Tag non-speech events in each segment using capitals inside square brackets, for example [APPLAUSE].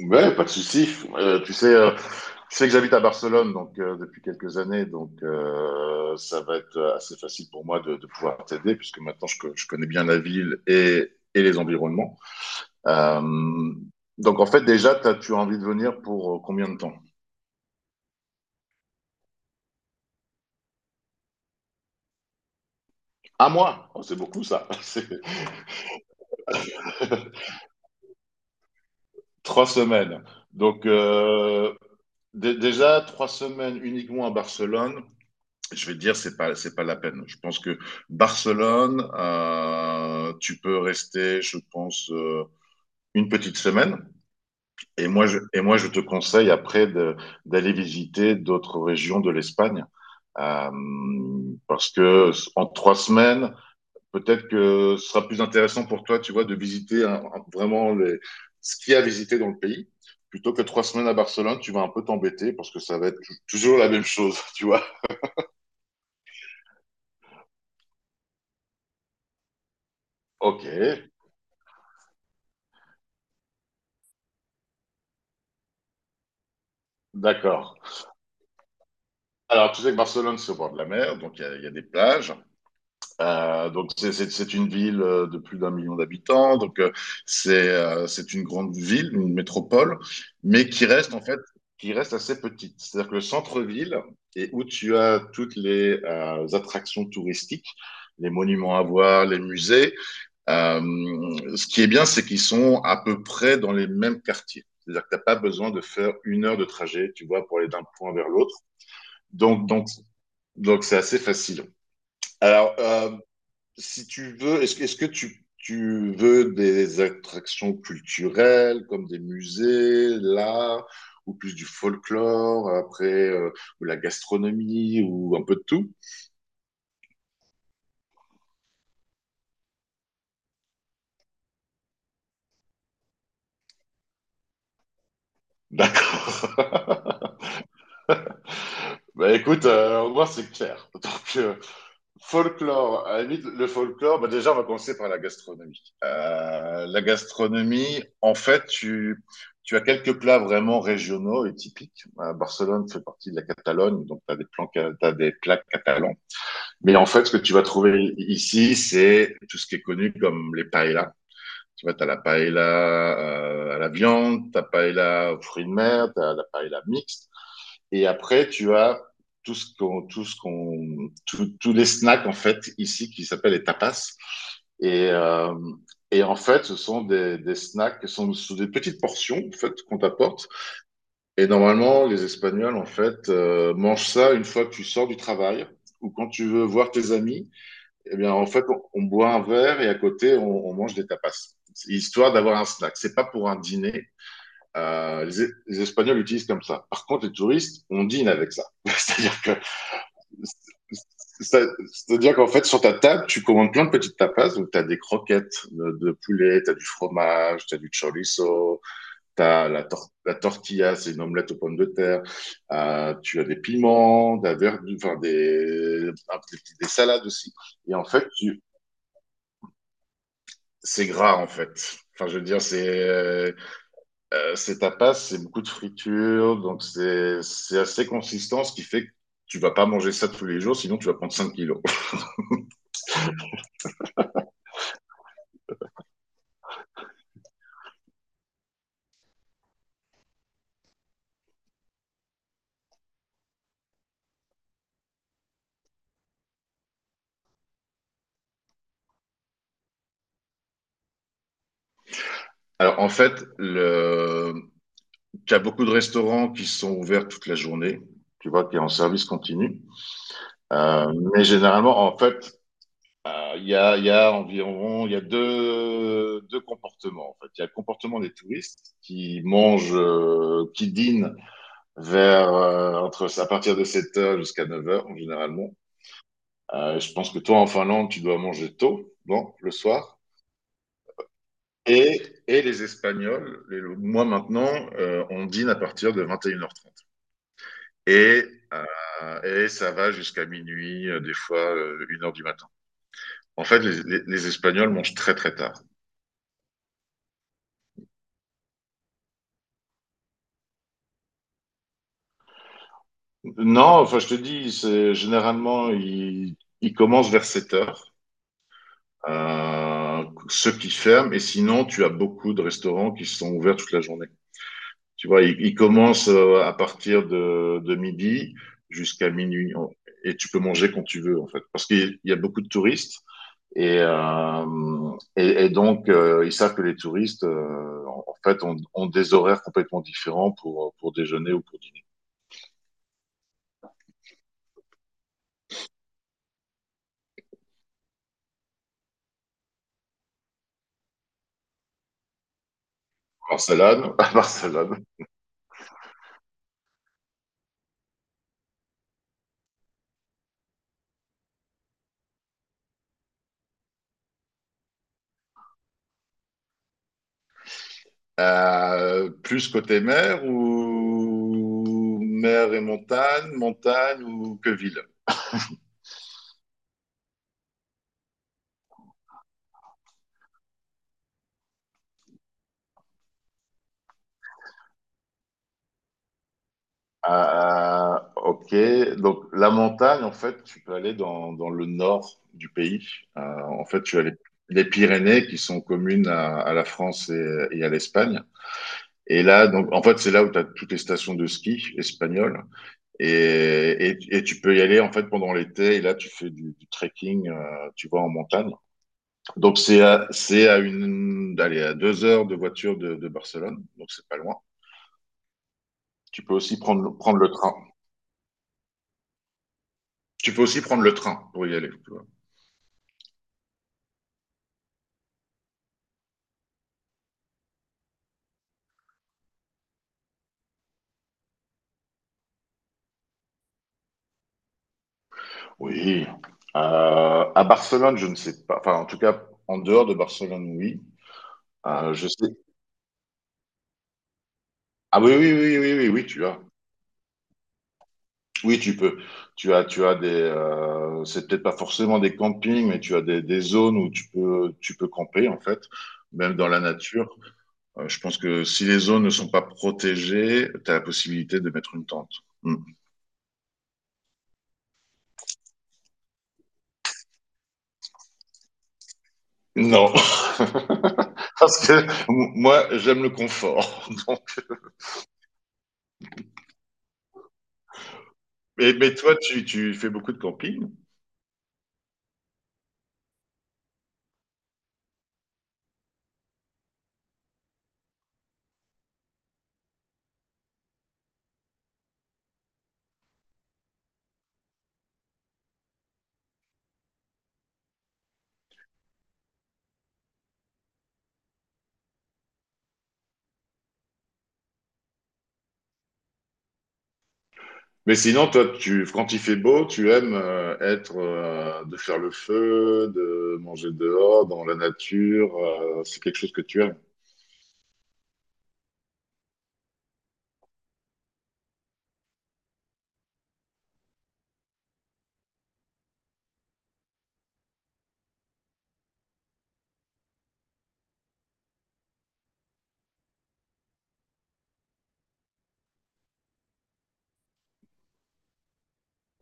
Ouais, pas de souci. Tu sais que j'habite à Barcelone depuis quelques années, ça va être assez facile pour moi de pouvoir t'aider puisque maintenant je connais bien la ville et les environnements. Euh, donc en fait déjà, tu as envie de venir pour combien de temps? Un mois. Oh, c'est beaucoup ça. [LAUGHS] C'est 3 semaines. Donc euh, Déjà 3 semaines uniquement à Barcelone. Je vais te dire, c'est pas la peine. Je pense que Barcelone, tu peux rester, je pense, une petite semaine. Et moi, je te conseille après d'aller visiter d'autres régions de l'Espagne. Euh, Parce que en 3 semaines, peut-être que ce sera plus intéressant pour toi, tu vois, de visiter vraiment ce qu'il y a à visiter dans le pays. Plutôt que 3 semaines à Barcelone, tu vas un peu t'embêter parce que ça va être toujours la même chose, [LAUGHS] tu vois. Ok, d'accord. Alors, tu sais que Barcelone, c'est au bord de la mer, donc il y a des plages. Donc, c'est une ville de plus d'un million d'habitants. Donc, c'est une grande ville, une métropole, mais qui reste assez petite. C'est-à-dire que le centre-ville, et où tu as toutes les attractions touristiques, les monuments à voir, les musées, euh, ce qui est bien, c'est qu'ils sont à peu près dans les mêmes quartiers. C'est-à-dire que tu n'as pas besoin de faire une heure de trajet, tu vois, pour aller d'un point vers l'autre. Donc, donc donc, c'est assez facile. Alors, si tu veux, est-ce que tu veux des attractions culturelles comme des musées, l'art, ou plus du folklore, après, ou la gastronomie, ou un peu de tout? D'accord. [LAUGHS] Bah écoute, au moins c'est clair. [LAUGHS] Euh, Folklore, à la limite, le folklore, bah déjà, on va commencer par la gastronomie. La gastronomie, en fait, tu as quelques plats vraiment régionaux et typiques. Barcelone fait partie de la Catalogne, donc tu as t'as des plats catalans. Mais en fait, ce que tu vas trouver ici, c'est tout ce qui est connu comme les paellas. Tu vois, tu as la paella à la viande, tu as paella aux fruits de mer, tu as la paella mixte. Et après, tu as tout ce qu'on, tout ce qu'on, tout- tous les snacks, en fait, ici, qui s'appellent les tapas. Et, euh, et en fait, ce sont des snacks qui sont sous des petites portions, en fait, qu'on t'apporte. Et normalement, les Espagnols, en fait, mangent ça une fois que tu sors du travail ou quand tu veux voir tes amis. Eh bien, en fait, on boit un verre et à côté, on mange des tapas, histoire d'avoir un snack. C'est pas pour un dîner. Les Espagnols utilisent comme ça. Par contre, les touristes, on dîne avec ça. [LAUGHS] Ça- C'est-à-dire qu'en fait, sur ta table, tu commandes plein de petites tapas. Donc, tu as des croquettes de poulet, tu as du fromage, tu as du chorizo, tu as la tortilla, c'est une omelette aux pommes de terre. Tu as des piments, de la verdure, enfin, des salades aussi. Et en fait, c'est gras en fait. Enfin, je veux dire, c'est tapas, c'est beaucoup de friture, donc c'est assez consistant, ce qui fait que tu vas pas manger ça tous les jours, sinon tu vas prendre 5 kilos. Alors en fait, le... tu as beaucoup de restaurants qui sont ouverts toute la journée, tu vois, qui est en service continu. Euh, mais généralement, en fait, il y a environ, il y a deux comportements. En fait, il y a le comportement des touristes qui dînent vers entre à partir de 7 heures jusqu'à 9 heures généralement. Je pense que toi en Finlande, tu dois manger tôt, bon, le soir. Et, et les Espagnols, moi maintenant, on dîne à partir de 21h30. Et, une heures trente. Et, et ça va jusqu'à minuit, des fois 1 heure du matin. En fait, les Espagnols mangent très très tard. Non, enfin je te dis, c'est généralement ils commencent vers 7 heures ceux qui ferment, et sinon, tu as beaucoup de restaurants qui sont ouverts toute la journée. Tu vois, ils commencent à partir de midi jusqu'à minuit, et tu peux manger quand tu veux, en fait, parce qu'il y a beaucoup de touristes, et, euh, et donc, ils savent que les touristes, en fait, ont des horaires complètement différents pour déjeuner ou pour dîner. Barcelone, [LAUGHS] à Barcelone. Plus côté mer ou mer et montagne, montagne ou que ville? Ok, donc la montagne, en fait, tu peux aller dans le nord du pays. En fait, tu as les Pyrénées qui sont communes à la France et à l'Espagne. Et là, donc, en fait, c'est là où tu as toutes les stations de ski espagnoles. Et, et tu peux y aller, en fait, pendant l'été. Et là, tu fais du trekking, tu vois, en montagne. Donc c'est à 2 heures de voiture de Barcelone, donc c'est pas loin. Tu peux aussi prendre le train. Tu peux aussi prendre le train pour y aller, tu vois. Oui. À Barcelone, je ne sais pas. Enfin, en tout cas, en dehors de Barcelone, oui. Je sais. Ah oui, oui, oui, oui, oui, oui, tu as. Oui, tu peux. Tu as des. C'est peut-être pas forcément des campings, mais tu as des zones où tu peux camper en fait, même dans la nature. Je pense que si les zones ne sont pas protégées, tu as la possibilité de mettre une tente. Hmm. Non, [LAUGHS] parce que moi, j'aime le confort. [LAUGHS] Donc... Mais toi, tu fais beaucoup de camping? Mais sinon, toi, quand il fait beau, tu aimes de faire le feu, de manger dehors, dans la nature. C'est quelque chose que tu aimes.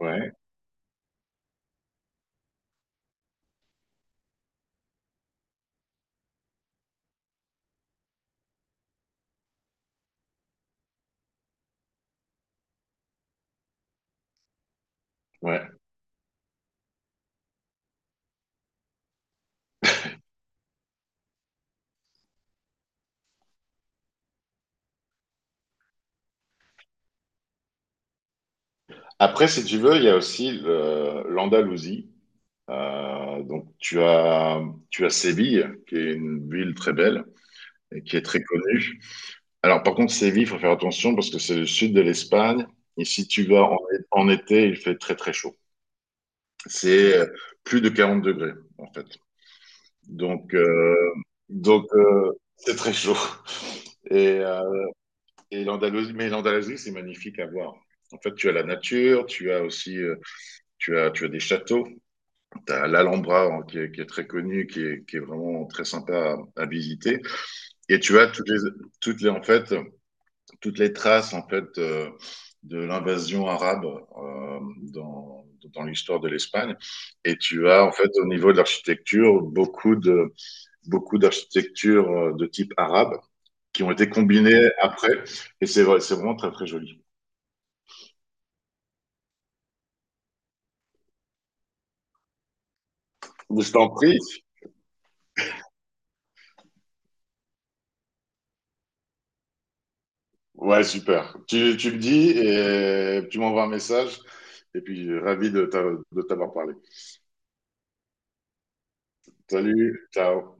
Ouais, ouais. Après, si tu veux, il y a aussi l'Andalousie. Donc, tu as Séville, qui est une ville très belle et qui est très connue. Alors, par contre, Séville, il faut faire attention parce que c'est le sud de l'Espagne. Et si tu vas en été, il fait très, très chaud. C'est plus de 40 degrés, en fait. Donc, euh, donc, c'est très chaud. [LAUGHS] Et, euh, Et l'Andalousie, c'est magnifique à voir. En fait, tu as la nature, tu as aussi tu as des châteaux, tu as l'Alhambra hein, qui est très connu, qui est vraiment très sympa à visiter, et tu as toutes les, en fait, toutes les traces en fait, de l'invasion arabe dans, dans l'histoire de l'Espagne. Et tu as, en fait, au niveau de l'architecture, beaucoup d'architectures de type arabe qui ont été combinées après. Et c'est vrai, c'est vraiment très, très joli. Je t'en prie. Ouais, super. Tu me dis et tu m'envoies un message. Et puis, ravi de t'avoir parlé. Salut, ciao.